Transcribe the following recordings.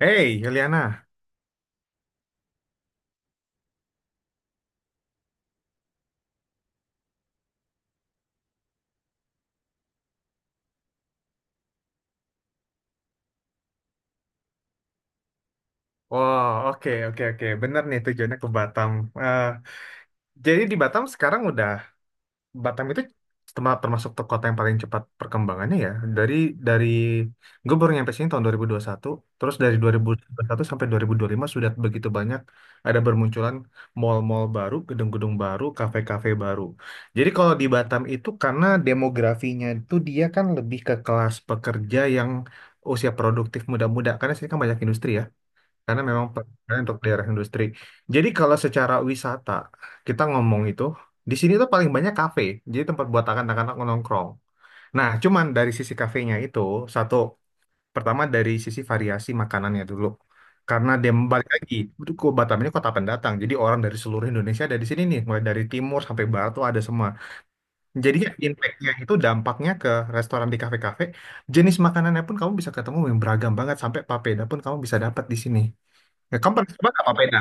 Hey, Juliana. Wow, oke, oke, oke. Bener nih tujuannya ke Batam. Eh, jadi di Batam sekarang udah, Batam itu termasuk tuh kota yang paling cepat perkembangannya ya. Dari, dari, gue baru nyampe sini tahun dua ribu satu. Terus dari dua ribu satu sampai dua dua ribu dua puluh lima sudah begitu banyak ada bermunculan mall-mall baru, gedung-gedung baru, kafe-kafe baru. Jadi kalau di Batam itu karena demografinya itu dia kan lebih ke kelas pekerja yang usia produktif muda-muda, karena sini kan banyak industri ya. Karena memang perkembangan untuk daerah industri. Jadi kalau secara wisata kita ngomong itu di sini tuh paling banyak kafe, jadi tempat buat anak-anak nongkrong. Nah, cuman dari sisi kafenya itu satu pertama dari sisi variasi makanannya dulu. Karena dia balik lagi, itu ke Batam ini kota pendatang. Jadi orang dari seluruh Indonesia ada di sini nih, mulai dari timur sampai barat tuh ada semua. Jadinya impact-nya itu dampaknya ke restoran di kafe-kafe, jenis makanannya pun kamu bisa ketemu yang beragam banget sampai papeda pun kamu bisa dapat di sini. Ya, kamu pernah coba nggak apa pena?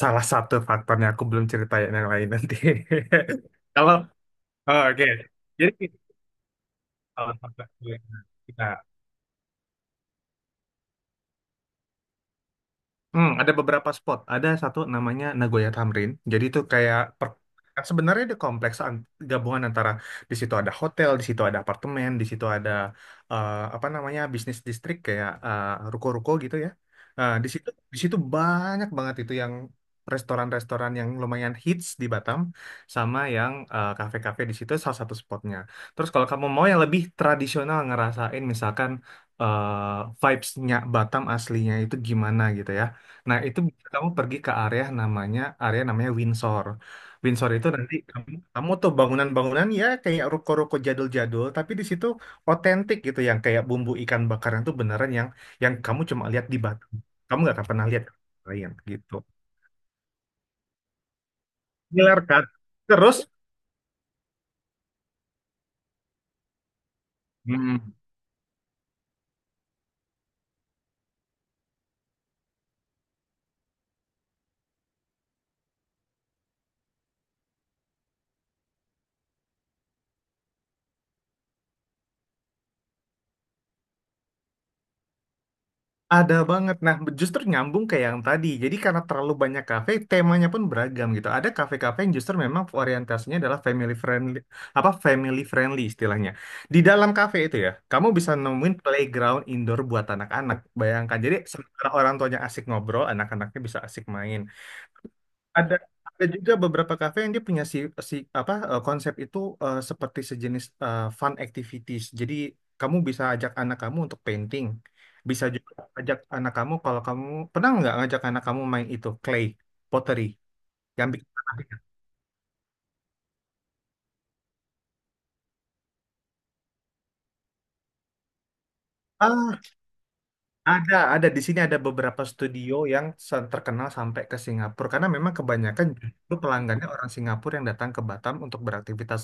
Salah satu faktornya aku belum ceritain yang lain nanti. Kalau oh, oke, jadi salah satu faktor yang kita. Hmm, ada beberapa spot. Ada satu namanya Nagoya Tamrin. Jadi itu kayak sebenarnya di kompleks gabungan antara di situ ada hotel, di situ ada apartemen, di situ ada apa namanya bisnis distrik kayak ruko-ruko gitu ya. Eh, di situ di situ banyak banget itu yang restoran-restoran yang lumayan hits di Batam sama yang kafe-kafe di situ salah satu spotnya. Terus kalau kamu mau yang lebih tradisional ngerasain misalkan vibes-nya Batam aslinya itu gimana gitu ya. Nah, itu bisa kamu pergi ke area namanya Windsor. Windsor itu nanti kamu tuh bangunan-bangunan ya kayak ruko-ruko jadul-jadul, tapi di situ otentik gitu yang kayak bumbu ikan bakaran tuh beneran yang kamu cuma lihat di Batam. Kamu nggak akan pernah lihat lain gitu. Ngiler kan? Terus, ada banget. Nah, justru nyambung ke yang tadi. Jadi karena terlalu banyak kafe, temanya pun beragam gitu. Ada kafe-kafe yang justru memang orientasinya adalah family friendly, apa family friendly istilahnya. Di dalam kafe itu ya, kamu bisa nemuin playground indoor buat anak-anak. Bayangkan. Jadi sementara orang tuanya asik ngobrol, anak-anaknya bisa asik main. Ada ada juga beberapa kafe yang dia punya si si apa konsep itu seperti sejenis fun activities. Jadi kamu bisa ajak anak kamu untuk painting, bisa juga ajak anak kamu kalau kamu pernah nggak ngajak anak kamu main itu clay pottery yang bikin tanah? Ada di sini ada beberapa studio yang terkenal sampai ke Singapura karena memang kebanyakan justru pelanggannya orang Singapura yang datang ke Batam untuk beraktivitas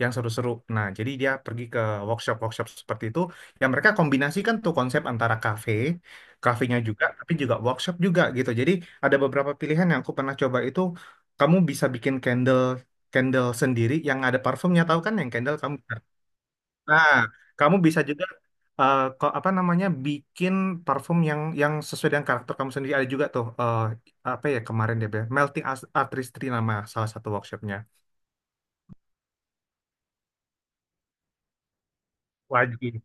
yang seru-seru. Nah, jadi dia pergi ke workshop-workshop seperti itu yang mereka kombinasikan tuh konsep antara kafe, kafenya juga tapi juga workshop juga gitu. Jadi ada beberapa pilihan yang aku pernah coba itu kamu bisa bikin candle candle sendiri yang ada parfumnya tahu kan yang candle kamu. Nah, kamu bisa juga apa namanya bikin parfum yang sesuai dengan karakter kamu sendiri. Ada juga tuh apa ya kemarin deh, Be? Melting Artistry nama salah satu workshopnya. Wajib.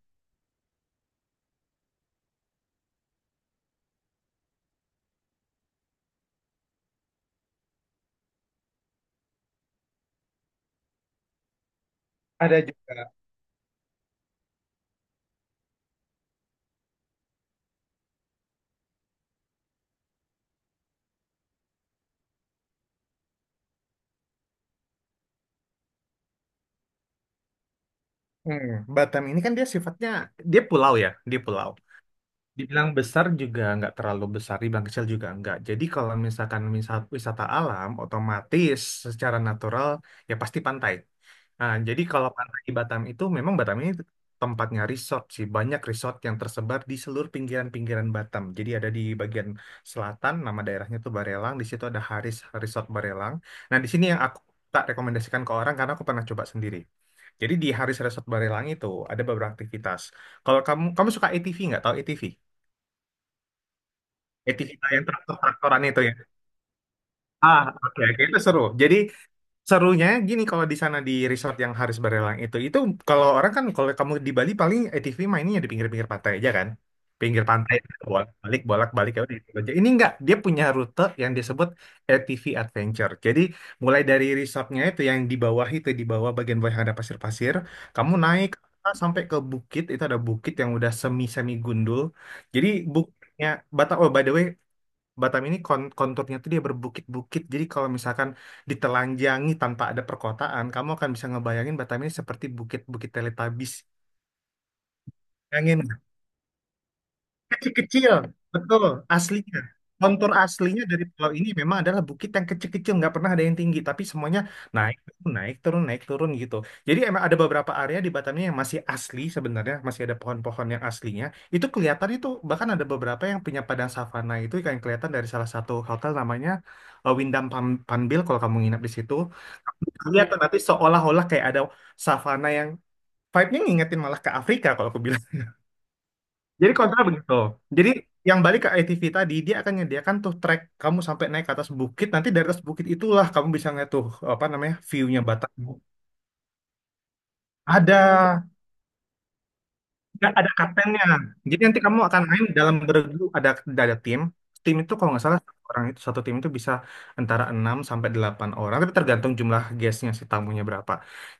Ada juga. Hmm, Batam ini kan dia sifatnya dia pulau ya, dia pulau. Dibilang besar juga nggak terlalu besar, dibilang kecil juga nggak. Jadi kalau misalkan wisata alam, otomatis secara natural ya pasti pantai. Nah, jadi kalau pantai di Batam itu memang Batam ini tempatnya resort sih. Banyak resort yang tersebar di seluruh pinggiran-pinggiran Batam. Jadi ada di bagian selatan, nama daerahnya tuh Barelang. Di situ ada Haris Resort Barelang. Nah, di sini yang aku tak rekomendasikan ke orang karena aku pernah coba sendiri. Jadi di Haris Resort Barelang itu ada beberapa aktivitas. Kalau kamu kamu suka ATV nggak? Tahu ATV? ATV yang traktor-traktoran itu ya. Ah, oke, oke, itu seru. Jadi serunya gini kalau di sana di resort yang Haris Barelang itu kalau orang kan kalau kamu di Bali paling ATV mainnya di pinggir-pinggir pantai aja kan, pinggir pantai bolak-balik bolak-balik ya udah itu aja. Ini enggak, dia punya rute yang disebut ATV Adventure. Jadi mulai dari resortnya itu yang di bawah itu di bawah bagian bawah yang ada pasir-pasir, kamu naik sampai ke bukit itu ada bukit yang udah semi semi gundul. Jadi bukitnya Batak, oh, by the way, Batam ini konturnya tuh dia berbukit-bukit. Jadi kalau misalkan ditelanjangi tanpa ada perkotaan, kamu akan bisa ngebayangin Batam ini seperti bukit-bukit Teletubbies. Kecil-kecil, betul, aslinya. Kontur aslinya dari pulau ini memang adalah bukit yang kecil-kecil, nggak pernah ada yang tinggi, tapi semuanya naik, turun, naik, turun, naik, turun gitu. Jadi emang ada beberapa area di Batam ini yang masih asli sebenarnya, masih ada pohon-pohon yang aslinya. Itu kelihatan itu, bahkan ada beberapa yang punya padang savana itu yang kelihatan dari salah satu hotel namanya Windham Panbil kalau kamu nginap di situ. Kelihatan nanti seolah-olah kayak ada savana yang vibe-nya ngingetin malah ke Afrika kalau aku bilang. Jadi kontra begitu. Jadi yang balik ke ATV tadi, dia akan menyediakan tuh track kamu sampai naik ke atas bukit. Nanti dari atas bukit itulah kamu bisa ngeliat tuh apa namanya view-nya Batak. Ada, nggak ada kaptennya. Jadi nanti kamu akan main dalam beregu. Ada tim. Tim itu kalau nggak salah satu orang itu satu tim itu bisa antara 6 sampai 8 orang. Tapi tergantung jumlah guestnya si tamunya berapa.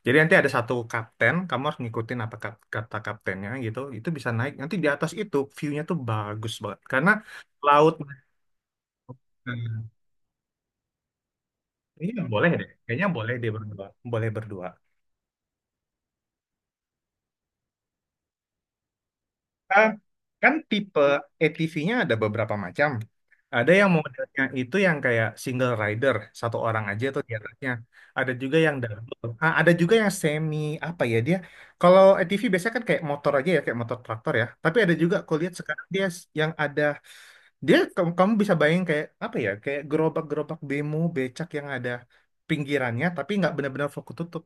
Jadi nanti ada satu kapten. Kamu harus ngikutin apa kata kaptennya gitu. Itu bisa naik. Nanti di atas itu view-nya tuh bagus banget. Karena laut. Hmm. Iya, boleh deh. Kayaknya boleh deh berdua. Boleh berdua. Ah, kan tipe ATV-nya ada beberapa macam. Ada yang modelnya itu yang kayak single rider, satu orang aja tuh di atasnya. Ada juga yang double. Ah, ada juga yang semi apa ya dia. Kalau ATV biasanya kan kayak motor aja ya, kayak motor traktor ya. Tapi ada juga aku lihat sekarang yang ada kamu bisa bayangin kayak apa ya? Kayak gerobak-gerobak bemo becak yang ada pinggirannya tapi nggak benar-benar fokus tutup.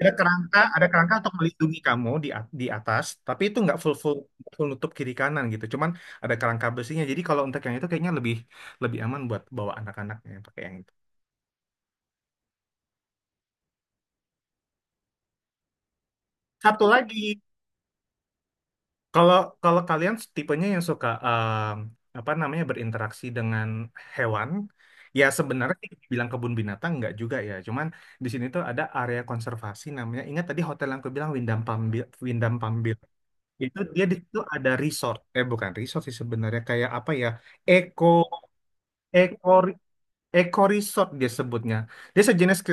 Ada kerangka untuk melindungi kamu di atas tapi itu nggak full full full nutup kiri kanan gitu cuman ada kerangka besinya jadi kalau untuk yang itu kayaknya lebih lebih aman buat bawa anak-anaknya yang pakai yang itu satu lagi. Kalau kalau kalian tipenya yang suka apa namanya berinteraksi dengan hewan ya sebenarnya bilang kebun binatang nggak juga ya cuman di sini tuh ada area konservasi namanya ingat tadi hotel yang aku bilang Windam Pambil Itu dia di situ ada resort. Eh, bukan resort sih sebenarnya kayak apa ya? Eco eco eco resort dia sebutnya. Dia sejenis ke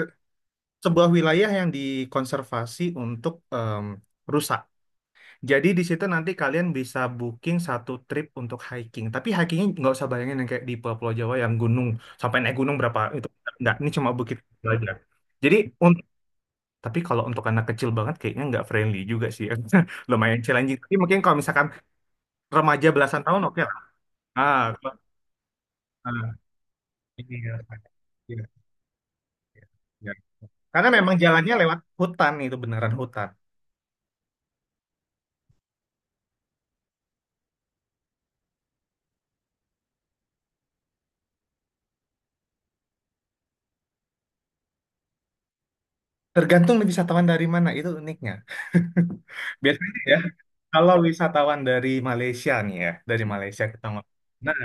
sebuah wilayah yang dikonservasi untuk rusa. Jadi di situ nanti kalian bisa booking satu trip untuk hiking. Tapi hikingnya nggak usah bayangin yang kayak di Pulau Jawa yang gunung sampai naik gunung berapa itu nggak. Ini cuma bukit aja. Jadi untuk tapi kalau untuk anak kecil banget kayaknya nggak friendly juga sih. Lumayan challenging. Tapi mungkin kalau misalkan remaja belasan tahun oke. Ah, gua- ah, iya, iya, iya, iya. Karena memang jalannya lewat hutan itu beneran hutan. Tergantung nih wisatawan dari mana itu uniknya. Biasanya ya, kalau wisatawan dari Malaysia nih ya, dari Malaysia kita ngomong. Nah,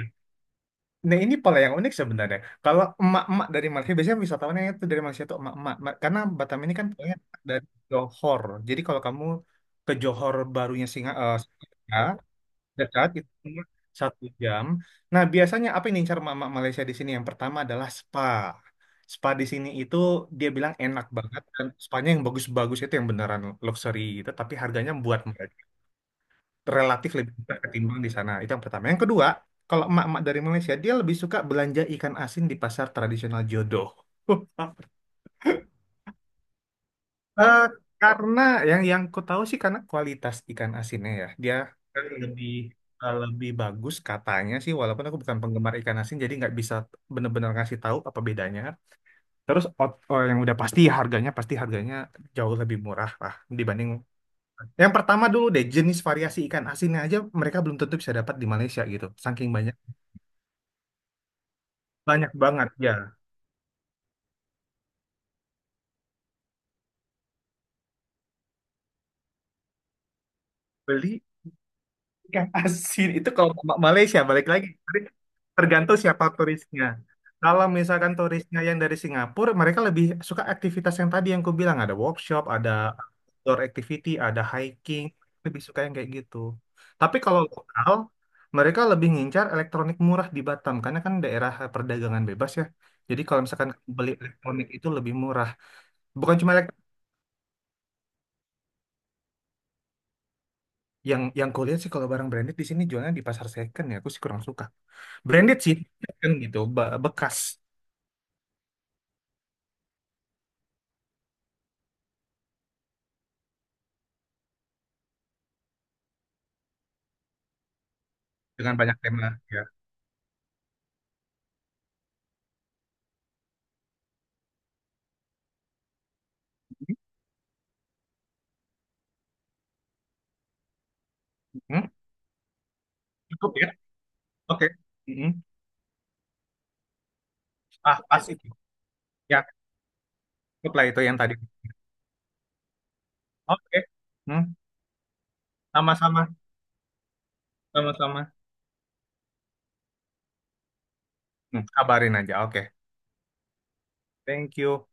nah, ini pola yang unik sebenarnya. Kalau emak-emak dari Malaysia, biasanya wisatawannya itu dari Malaysia itu emak-emak. Karena Batam ini kan polanya dari Johor. Jadi kalau kamu ke Johor barunya Singapura, dekat itu cuma satu jam. Nah, biasanya apa yang diincar mama Malaysia di sini? Yang pertama adalah spa. Spa di sini itu dia bilang enak banget dan spanya yang bagus-bagus itu yang beneran luxury gitu, tapi harganya buat mereka relatif lebih murah ketimbang di sana. Itu yang pertama. Yang kedua, kalau emak-emak dari Malaysia dia lebih suka belanja ikan asin di pasar tradisional Jodoh. Eh, karena yang ku tahu sih karena kualitas ikan asinnya ya dia kan lebih lebih bagus katanya sih walaupun aku bukan penggemar ikan asin jadi nggak bisa bener-bener ngasih tahu apa bedanya. Terus oh, yang udah pasti harganya jauh lebih murah lah dibanding yang pertama dulu deh jenis variasi ikan asinnya aja mereka belum tentu bisa dapat di Malaysia gitu saking banyak banyak banget ya beli. Ikan asin itu kalau Malaysia balik lagi tergantung siapa turisnya. Kalau misalkan turisnya yang dari Singapura, mereka lebih suka aktivitas yang tadi yang ku bilang ada workshop, ada outdoor activity, ada hiking, lebih suka yang kayak gitu. Tapi kalau lokal, mereka lebih ngincar elektronik murah di Batam karena kan daerah perdagangan bebas ya. Jadi kalau misalkan beli elektronik itu lebih murah. Bukan cuma elektronik. Yang kulihat sih kalau barang branded di sini jualnya di pasar second ya, aku sih kurang suka. Branded sih kan gitu, bekas dengan banyak tema ya. Hmm, cukup ya. Oke. Mm-mm. Ah, pas itu. Ya, cukup lah itu yang tadi. Oke. Hmm, sama-sama, sama-sama. Hmm, kabarin aja. Oke. Thank you.